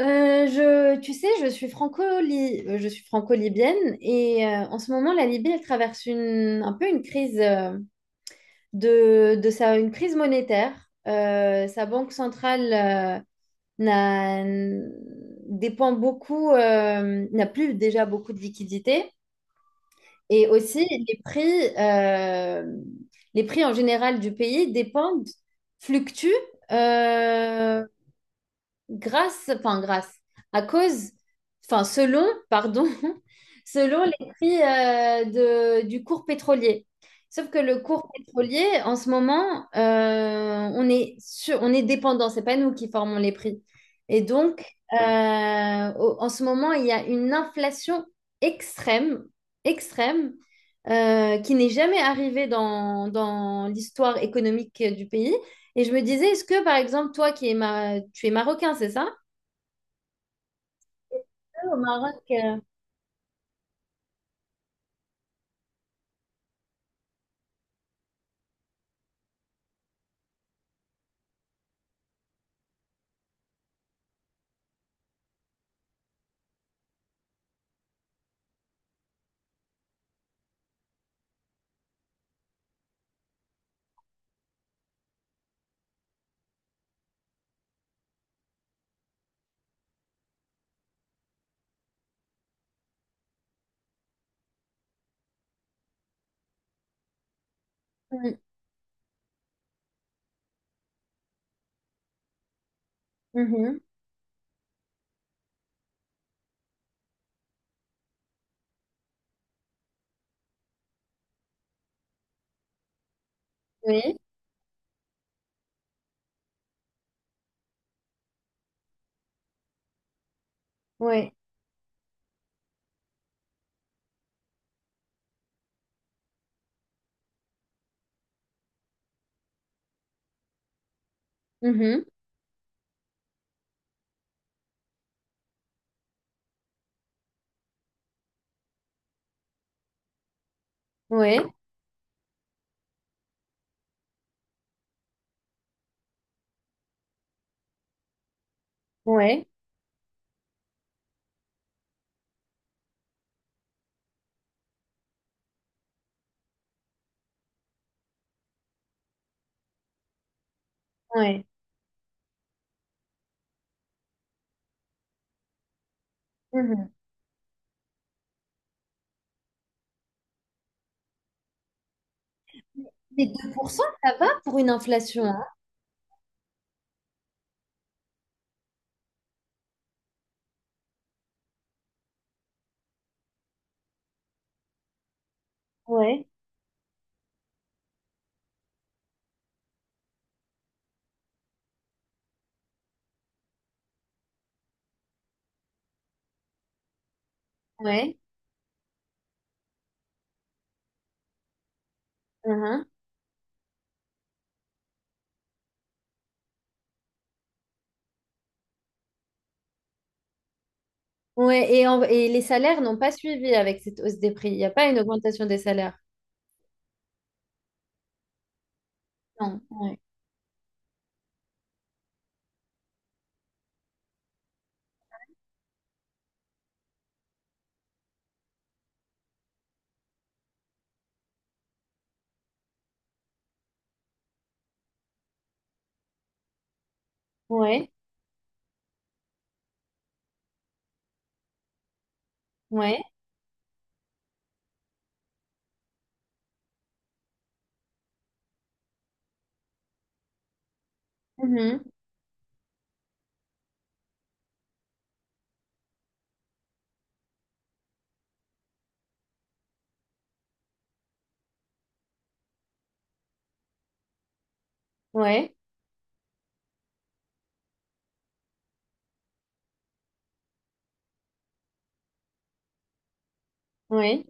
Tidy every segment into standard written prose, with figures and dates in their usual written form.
Tu sais, je suis franco-libyenne et en ce moment, la Libye, elle traverse un peu une crise une crise monétaire. Sa banque centrale n'a- dépend beaucoup, n'a plus déjà beaucoup de liquidités et aussi les prix, les prix en général du pays fluctuent. euh, enfin grâce, à cause, enfin selon, pardon, selon les prix du cours pétrolier. Sauf que le cours pétrolier, en ce moment, on est dépendant, c'est pas nous qui formons les prix. Et donc, en ce moment, il y a une inflation extrême, extrême, qui n'est jamais arrivée dans l'histoire économique du pays. Et je me disais, est-ce que, par exemple, toi, tu es marocain, c'est ça? Au Maroc. Mm, mhm, oui, oui, mhm, oui, oui, oui. Mhm. Mais 2%, ça va pour une inflation, hein? Ouais, ouais, mhm. Ouais, et, et les salaires n'ont pas suivi avec cette hausse des prix. Il n'y a pas une augmentation des salaires. Non, ouais, ouais, ouais, mhm, ouais, ouais.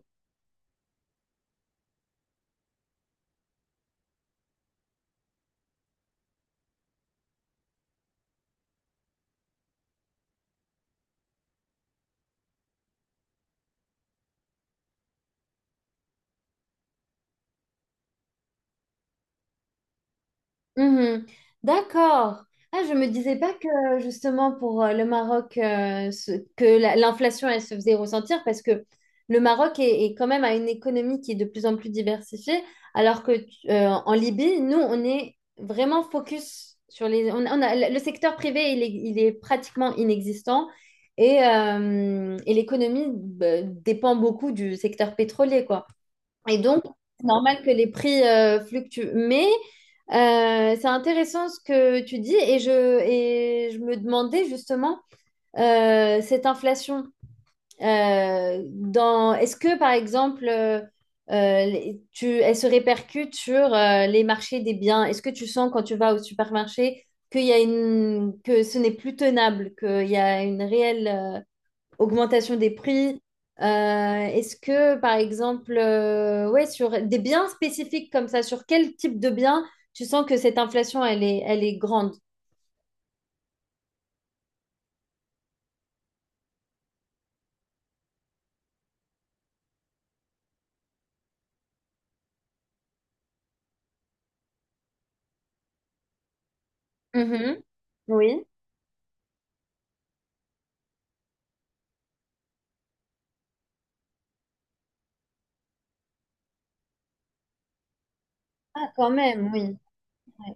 Mhm. D'accord. Ah, je me disais pas que justement pour le Maroc, que l'inflation, elle se faisait ressentir parce que le est quand même à une économie qui est de plus en plus diversifiée, alors que en Libye, nous, on est vraiment focus sur les... Le secteur privé, il est pratiquement inexistant et l'économie bah, dépend beaucoup du secteur pétrolier, quoi. Et donc, c'est normal que les prix fluctuent. Mais c'est intéressant ce que tu dis et je me demandais justement cette inflation. Dans, est-ce que, par exemple, les- tu, elle se répercute sur les marchés des biens? Est-ce que tu sens quand tu vas au supermarché qu'il y a que ce n'est plus tenable, qu'il y a une réelle... augmentation des prix. Est-ce que, par exemple, ouais, sur des biens spécifiques comme ça, sur quel type de biens tu sens que cette inflation, elle est grande? Mhm. Oui. Ah, quand même, oui. Ouais.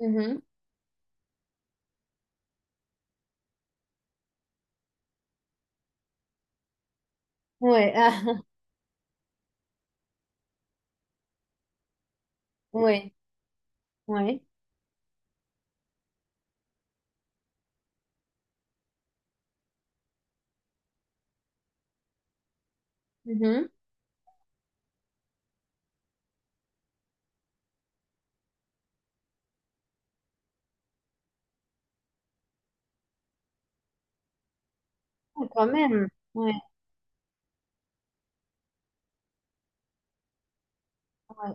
Mhm. Ouais. Ah, ouais. Ouais. Mhm. Ah, quand même. Ouais. Ouais.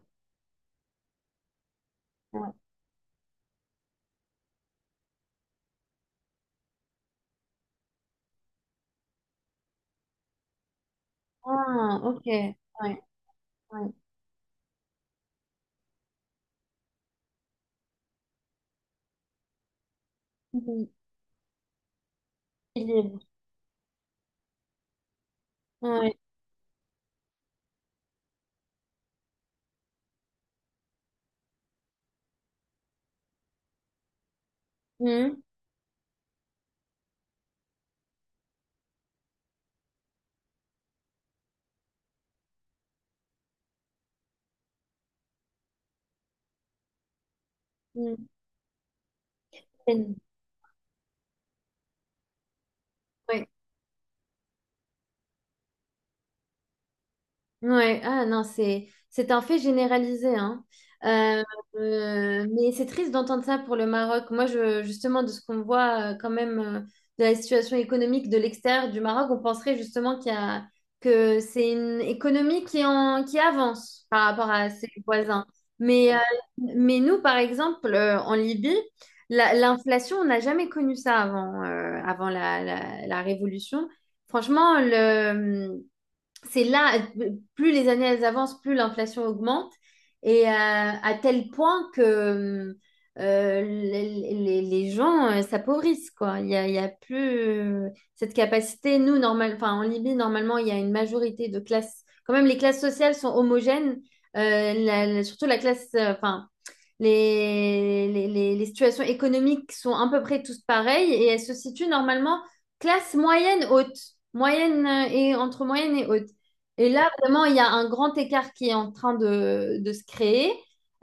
Ouais. Ah, ok. Ouais. Ouais. Mhm. Équilibre. Ouais. Mhm. Mhm. Ouais. Ouais, ah non, c'est un fait généralisé, hein. Euh, mais c'est triste d'entendre ça pour le Maroc. Moi, je, justement, de ce qu'on voit quand même de la situation économique de l'extérieur du Maroc, on penserait justement que c'est une économie qui avance par rapport à ses voisins. Mais, euh, mais nous, par exemple, en Libye, l'inflation, on n'a jamais connu ça avant, avant la révolution. Franchement, c'est là, plus les années elles avancent, plus l'inflation augmente, et à tel point que euh, les, les gens s'appauvrissent, quoi. Il y a plus cette capacité. Nous, normal, enfin, en Libye, normalement, il y a une majorité de classes. Quand même, les classes sociales sont homogènes. Surtout la classe, enfin, les, les situations économiques sont à peu près toutes pareilles et elles se situent normalement classe moyenne haute, moyenne et entre moyenne et haute. Et là, vraiment, il y a un grand écart qui est en train de se créer,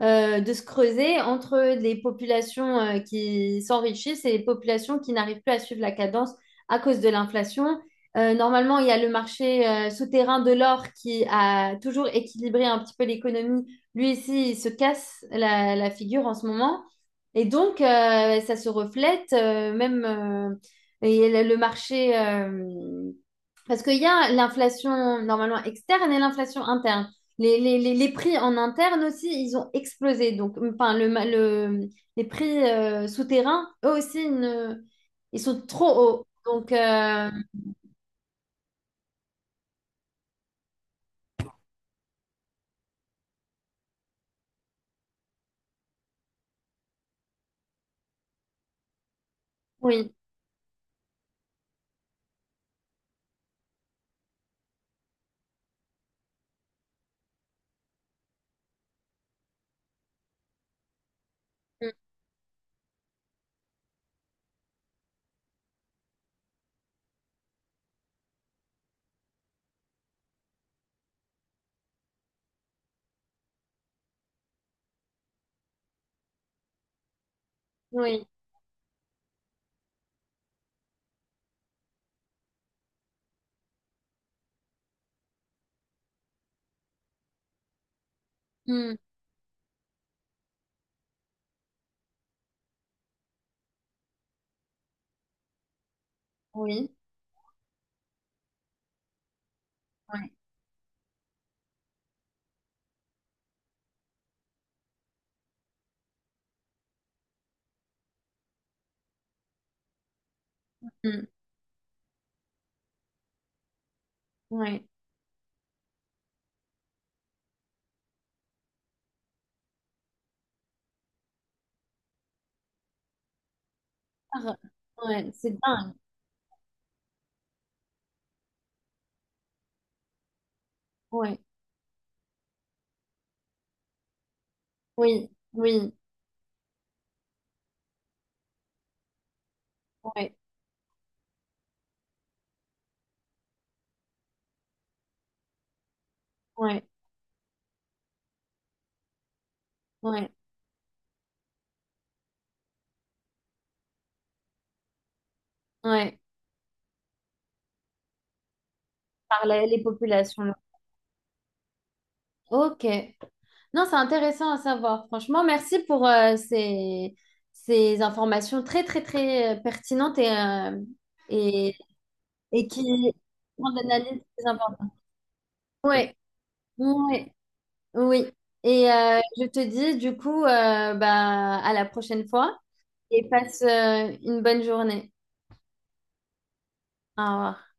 de se creuser entre les populations qui s'enrichissent et les populations qui n'arrivent plus à suivre la cadence à cause de l'inflation. Normalement, il y a le marché souterrain de l'or qui a toujours équilibré un petit peu l'économie lui ici, il se casse la figure en ce moment. Et donc, ça se reflète même et le marché. Parce qu'il y a l'inflation normalement externe et l'inflation interne. Les, les prix en interne aussi, ils ont explosé. Donc, enfin, les prix souterrains, eux aussi, ils ne- ils sont trop hauts. Donc, oui, mm, oui, mm, oui, oui, mm, oui. Ah, ouais, c'est dingue. Ouais. Oui, oui, ouais, ouais, ouais, ouais, par les populations. Là. Ok. Non, c'est intéressant à savoir. Franchement, merci pour ces, ces informations très, très, très pertinentes et, et, et qui rendent l'analyse très importante. Ouais, ouais, oui. Et je te dis, du coup, bah, à la prochaine fois et passe une bonne journée. Au revoir.